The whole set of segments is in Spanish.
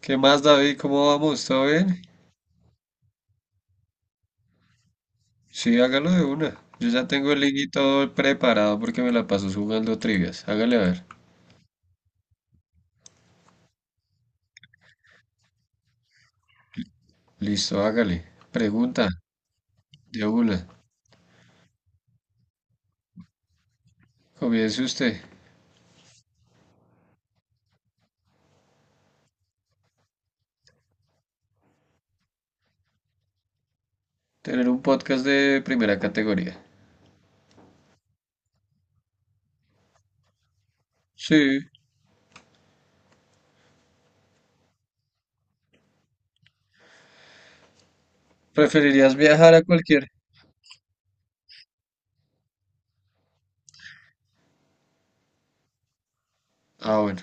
¿Qué más, David? ¿Cómo vamos? ¿Todo bien? Sí, hágalo de una. Yo ya tengo el link y todo preparado porque me la paso jugando trivias. Hágale a ver. Listo, hágale. Pregunta, de una. Comience usted. Tener un podcast de primera categoría. Sí. ¿Preferirías viajar a cualquier? Ah, bueno.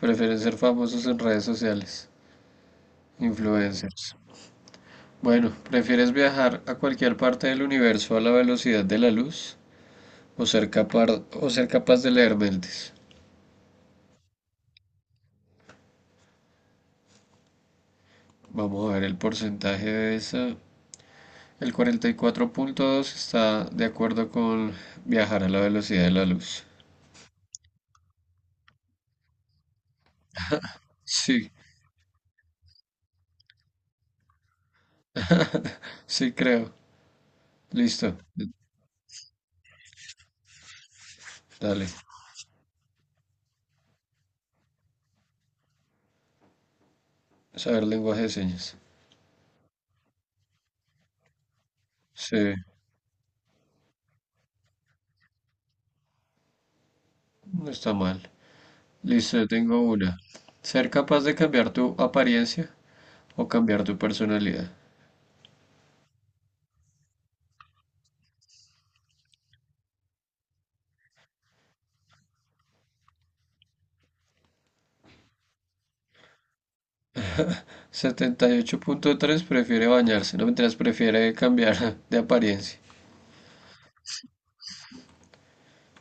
Prefieren ser famosos en redes sociales. Influencers. Bueno, ¿prefieres viajar a cualquier parte del universo a la velocidad de la luz? ¿O ser capaz, o ser capaz de leer mentes? Vamos a ver el porcentaje de esa. El 44.2 está de acuerdo con viajar a la velocidad de la luz. Sí, sí creo. Listo. Dale. Saber lenguaje de señas. Sí, no está mal. Listo, yo tengo una. Ser capaz de cambiar tu apariencia o cambiar tu personalidad. 78.3 prefiere bañarse. No, mientras prefiere cambiar de apariencia.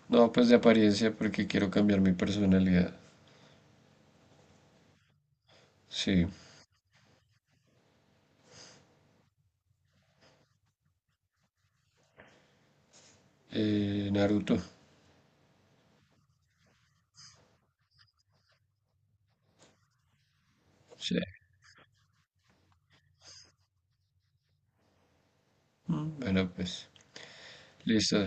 No, pues de apariencia porque quiero cambiar mi personalidad. Sí. Naruto. Sí, Mm. bueno, pues listo.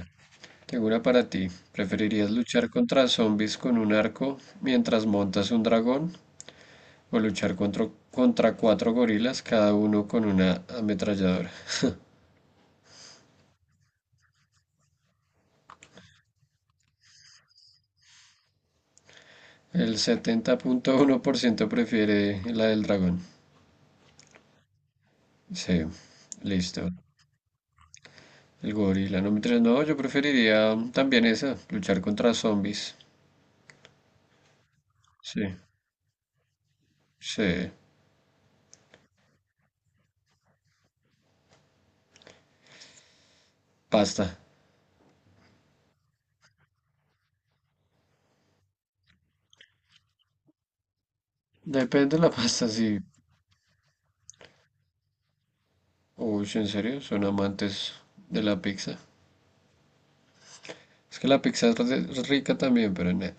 Tengo una para ti. ¿Preferirías luchar contra zombies con un arco mientras montas un dragón o luchar contra cuatro gorilas, cada uno con una ametralladora? El 70.1% prefiere la del dragón. Sí, listo. El gorila, no me interesa. No, yo preferiría también esa, luchar contra zombies. Sí, sí. Pasta. Depende de la pasta, sí. Uy, sí, ¿en serio? ¿Son amantes de la pizza? Es que la pizza es rica también, pero nada.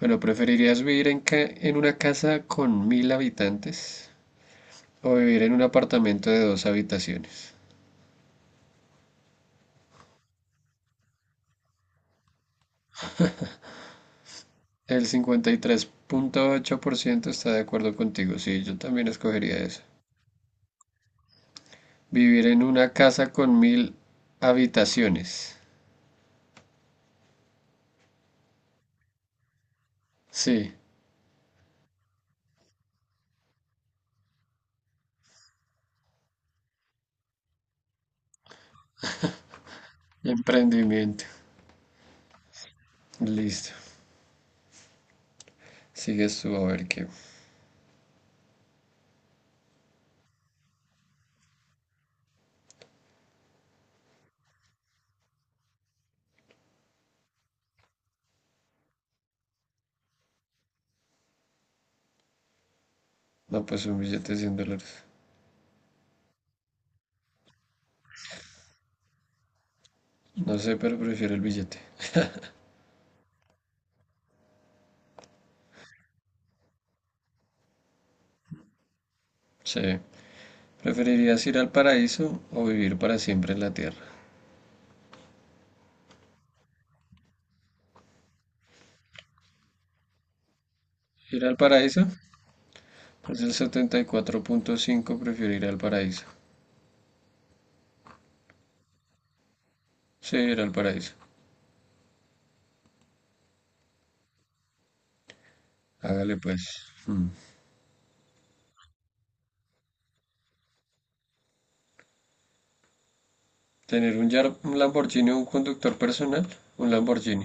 Bueno, ¿preferirías vivir en una casa con 1000 habitantes o vivir en un apartamento de dos habitaciones? El 53.8% está de acuerdo contigo, sí, yo también escogería eso. Vivir en una casa con 1000 habitaciones. Sí, emprendimiento. Listo. Sigues tú a ver qué. No, pues un billete de $100. No sé, pero prefiero el billete. Sí. ¿Preferirías ir al paraíso o vivir para siempre en la tierra? ¿Ir al paraíso? Pues el 74.5 prefiere ir al paraíso. Sí, ir al paraíso. Hágale pues. Mm. ¿Tener un Lamborghini o un conductor personal? Un Lamborghini.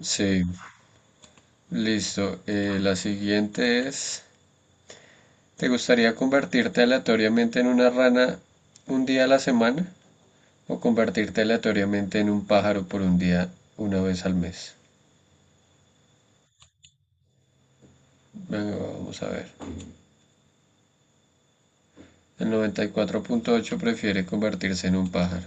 Sí, listo. La siguiente es, ¿te gustaría convertirte aleatoriamente en una rana un día a la semana o convertirte aleatoriamente en un pájaro por un día una vez al mes? Venga, vamos a ver. El 94.8 prefiere convertirse en un pájaro.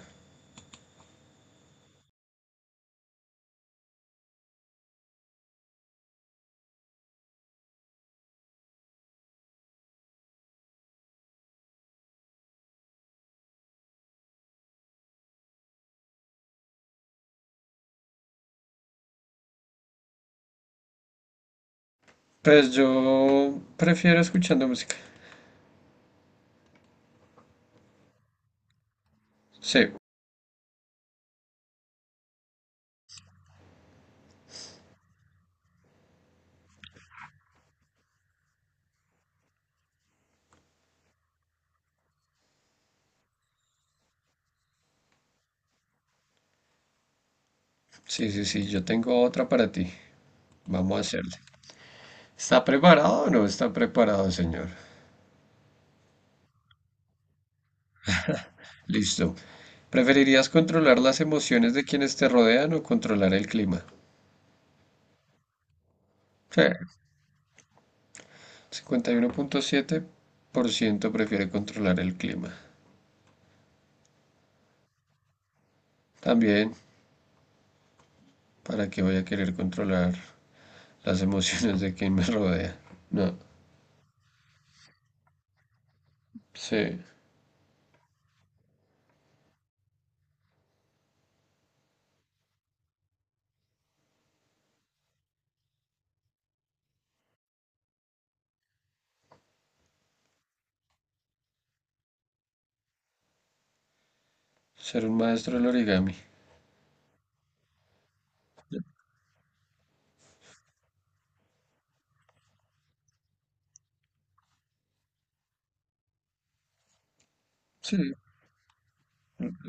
Pues yo prefiero escuchando música. Sí, sí, sí, sí, yo tengo otra para ti. Vamos a hacerle. ¿Está preparado o no está preparado, señor? Listo. ¿Preferirías controlar las emociones de quienes te rodean o controlar el clima? Sí, 51.7% prefiere controlar el clima. También, ¿para qué voy a querer controlar las emociones de quien me rodea? No, sí. Ser un maestro del origami. Sí,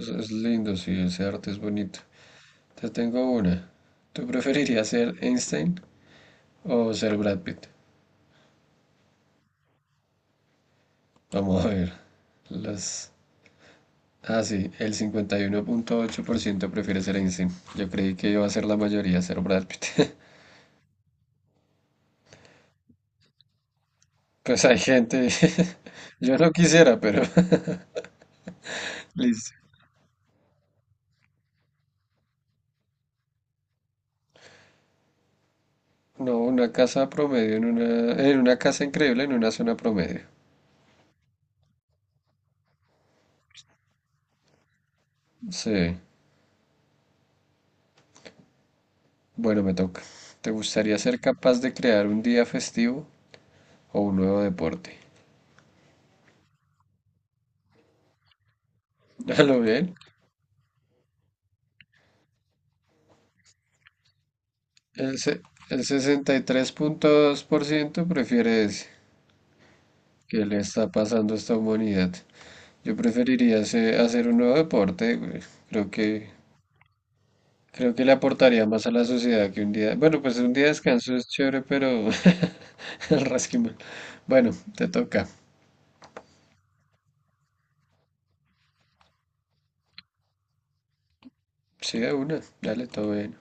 es lindo, sí, ese arte es bonito. Te tengo una. ¿Tú preferirías ser Einstein o ser Brad Pitt? Vamos a ver. Las... Ah, sí, el 51.8% prefiere ser Einstein. Yo creí que iba a ser la mayoría ser Brad Pitt. Pues hay gente... Yo no quisiera, pero... Listo. No, una casa promedio en una... En una casa increíble en una zona promedio. Sí. Bueno, me toca. ¿Te gustaría ser capaz de crear un día festivo o un nuevo deporte? A lo bien. El, se- el 63.2% prefiere ese. ¿Qué le está pasando a esta humanidad? Yo preferiría hacer un nuevo deporte, güey. Creo que, creo que le aportaría más a la sociedad que un día. Bueno, pues un día de descanso es chévere, pero el rasquimal. Bueno, te toca. Sí, de una. Dale, todo bien.